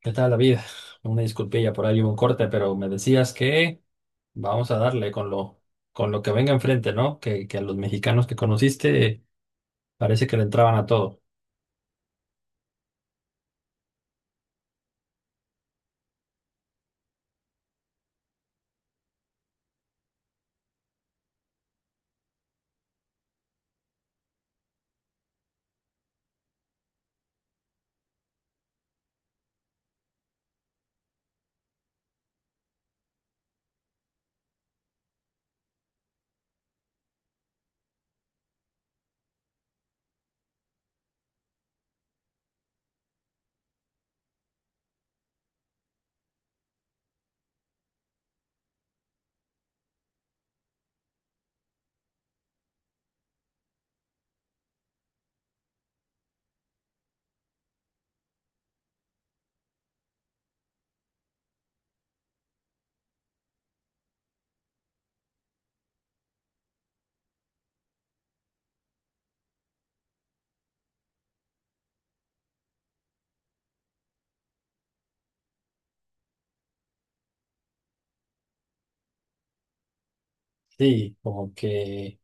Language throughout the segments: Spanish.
¿Qué tal, David? Una disculpilla por ahí, hubo un corte, pero me decías que vamos a darle con lo que venga enfrente, ¿no? Que a los mexicanos que conociste parece que le entraban a todo. Sí, como que,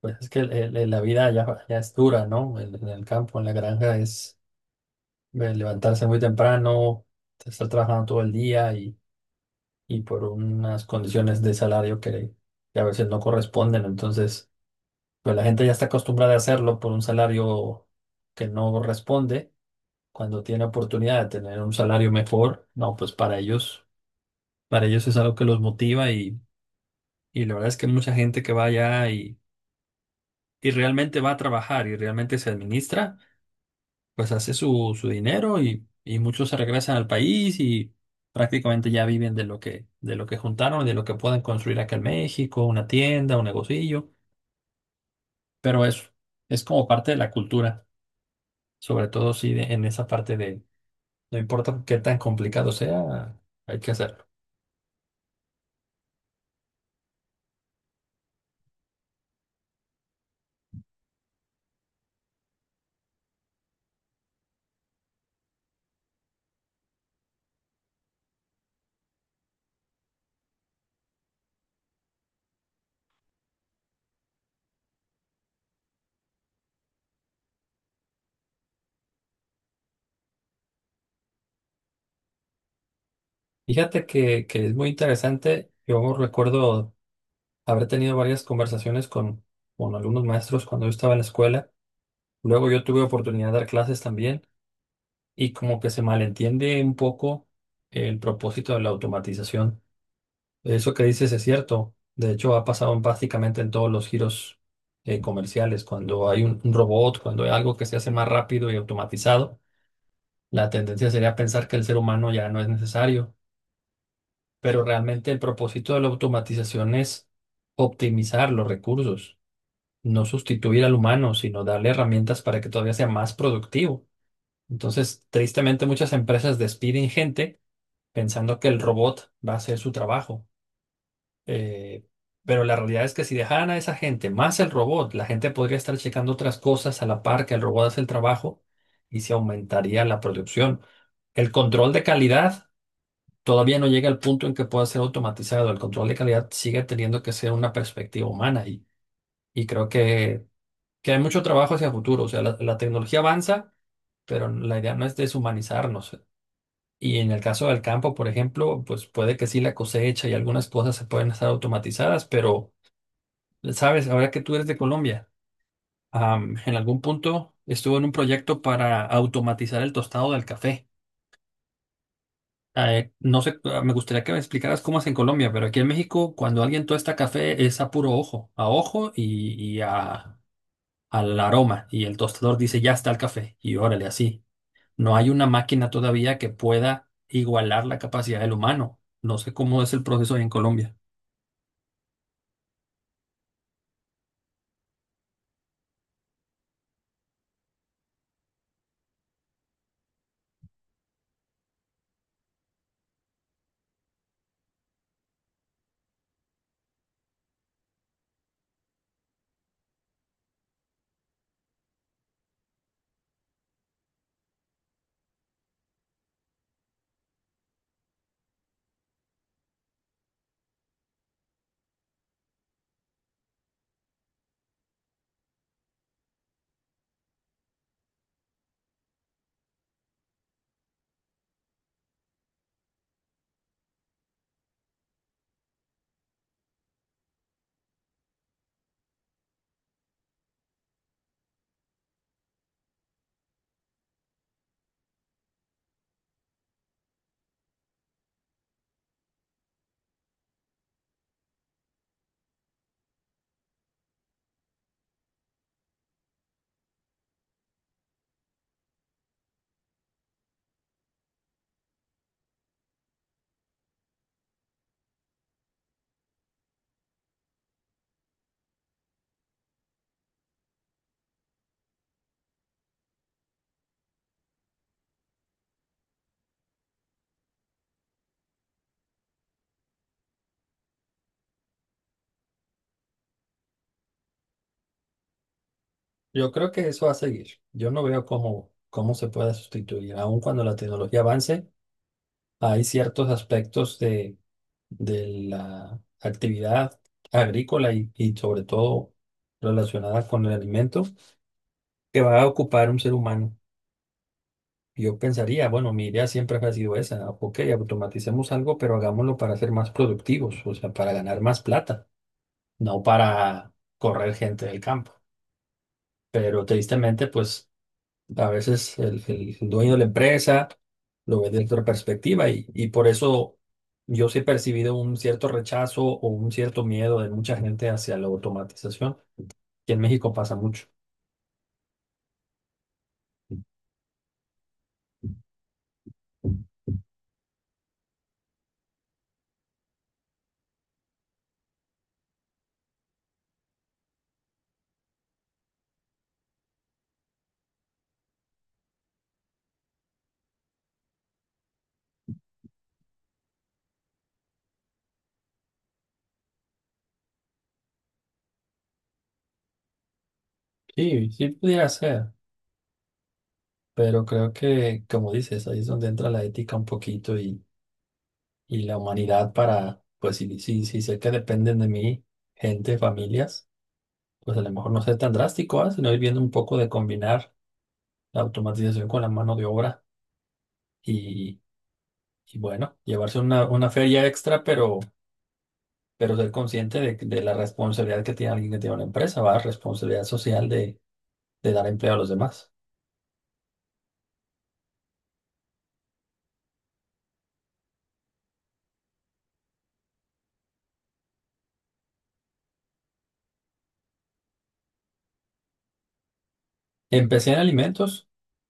pues es que la vida ya es dura, ¿no? En el campo, en la granja, es levantarse muy temprano, estar trabajando todo el día y por unas condiciones de salario que a veces no corresponden. Entonces... Pero la gente ya está acostumbrada a hacerlo por un salario que no responde. Cuando tiene oportunidad de tener un salario mejor, no, pues para ellos es algo que los motiva y la verdad es que mucha gente que va allá y realmente va a trabajar y realmente se administra, pues hace su, su dinero y muchos se regresan al país y prácticamente ya viven de lo que juntaron, de lo que pueden construir acá en México, una tienda, un negocillo, pero eso es como parte de la cultura. Sobre todo si de- en esa parte de no importa qué tan complicado sea, hay que hacerlo. Fíjate que es muy interesante. Yo recuerdo haber tenido varias conversaciones con algunos maestros cuando yo estaba en la escuela. Luego yo tuve oportunidad de dar clases también y como que se malentiende un poco el propósito de la automatización. Eso que dices es cierto. De hecho, ha pasado en prácticamente en todos los giros comerciales, cuando hay un robot, cuando hay algo que se hace más rápido y automatizado. La tendencia sería pensar que el ser humano ya no es necesario, pero realmente el propósito de la automatización es optimizar los recursos, no sustituir al humano, sino darle herramientas para que todavía sea más productivo. Entonces, tristemente, muchas empresas despiden gente pensando que el robot va a hacer su trabajo. Eh, pero la realidad es que si dejaran a esa gente más el robot, la gente podría estar checando otras cosas a la par que el robot hace el trabajo y se aumentaría la producción. El control de calidad. Todavía no llega al punto en que pueda ser automatizado. El control de calidad sigue teniendo que ser una perspectiva humana y creo que hay mucho trabajo hacia el futuro. O sea, la tecnología avanza, pero la idea no es deshumanizarnos. Y en el caso del campo, por ejemplo, pues puede que sí la cosecha y algunas cosas se pueden estar automatizadas, pero, sabes, ahora que tú eres de Colombia, en algún punto estuvo en un proyecto para automatizar el tostado del café. No sé, me gustaría que me explicaras cómo es en Colombia, pero aquí en México, cuando alguien tuesta café, es a puro ojo, a ojo y a, al aroma. Y el tostador dice, ya está el café. Y órale, así. No hay una máquina todavía que pueda igualar la capacidad del humano. No sé cómo es el proceso ahí en Colombia. Yo creo que eso va a seguir. Yo no veo cómo, cómo se pueda sustituir, aun cuando la tecnología avance. Hay ciertos aspectos de la actividad agrícola y sobre todo relacionada con el alimento que va a ocupar un ser humano. Yo pensaría, bueno, mi idea siempre ha sido esa, ok, automaticemos algo, pero hagámoslo para ser más productivos, o sea, para ganar más plata, no para correr gente del campo. Pero tristemente, pues... A veces el dueño de la empresa lo ve desde otra perspectiva y por eso yo sí he percibido un cierto rechazo o un cierto miedo de mucha gente hacia la automatización, que en México pasa mucho. Sí, sí pudiera ser, pero creo que, como dices, ahí es donde entra la ética un poquito y la humanidad para, pues si, si, si sé que dependen de mí gente, familias, pues a lo mejor no ser tan drástico, ¿ah? Sino ir viendo un poco de combinar la automatización con la mano de obra. Y bueno, llevarse una feria extra, pero ser consciente de la responsabilidad que tiene alguien que tiene una empresa, va, responsabilidad social de dar empleo a los demás. Empecé en alimentos,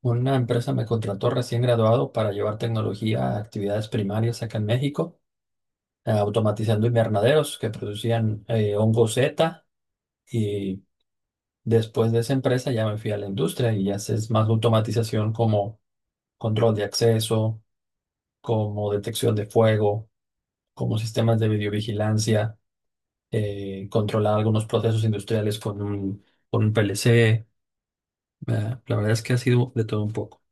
una empresa me contrató recién graduado para llevar tecnología a actividades primarias acá en México, automatizando invernaderos que producían hongo Z y después de esa empresa ya me fui a la industria y ya es más automatización como control de acceso, como detección de fuego, como sistemas de videovigilancia, controlar algunos procesos industriales con un PLC. Eh, la verdad es que ha sido de todo un poco.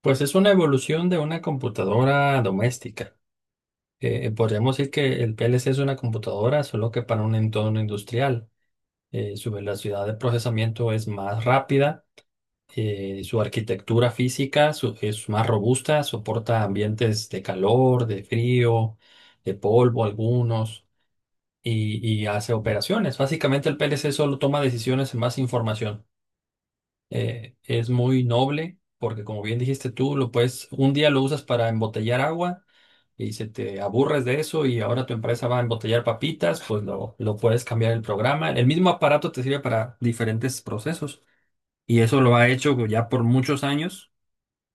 Pues es una evolución de una computadora doméstica. Podríamos decir que el PLC es una computadora, solo que para un entorno industrial. Su velocidad de procesamiento es más rápida, su arquitectura física es más robusta, soporta ambientes de calor, de frío, de polvo algunos. Y, y hace operaciones. Básicamente el PLC solo toma decisiones en más información. Es muy noble porque como bien dijiste tú, lo puedes, un día lo usas para embotellar agua y se te aburres de eso y ahora tu empresa va a embotellar papitas, pues lo puedes cambiar el programa. El mismo aparato te sirve para diferentes procesos y eso lo ha hecho ya por muchos años,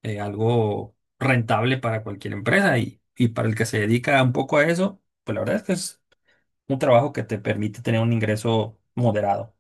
algo rentable para cualquier empresa y para el que se dedica un poco a eso, pues la verdad es que es un trabajo que te permite tener un ingreso moderado.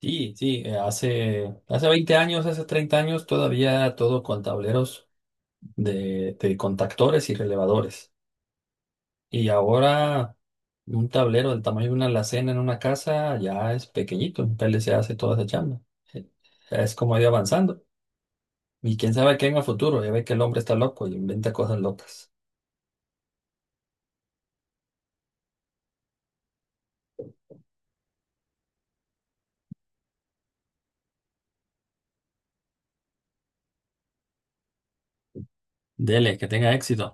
Sí, sí, hace, hace 20 años, hace 30 años, todavía todo con tableros de contactores y relevadores. Y ahora un tablero del tamaño de una alacena en una casa ya es pequeñito, en PLC hace toda esa chamba. Eh, Es como ir avanzando. Y quién sabe qué en el futuro, ya ve que el hombre está loco y inventa cosas locas. Dele, que tenga éxito.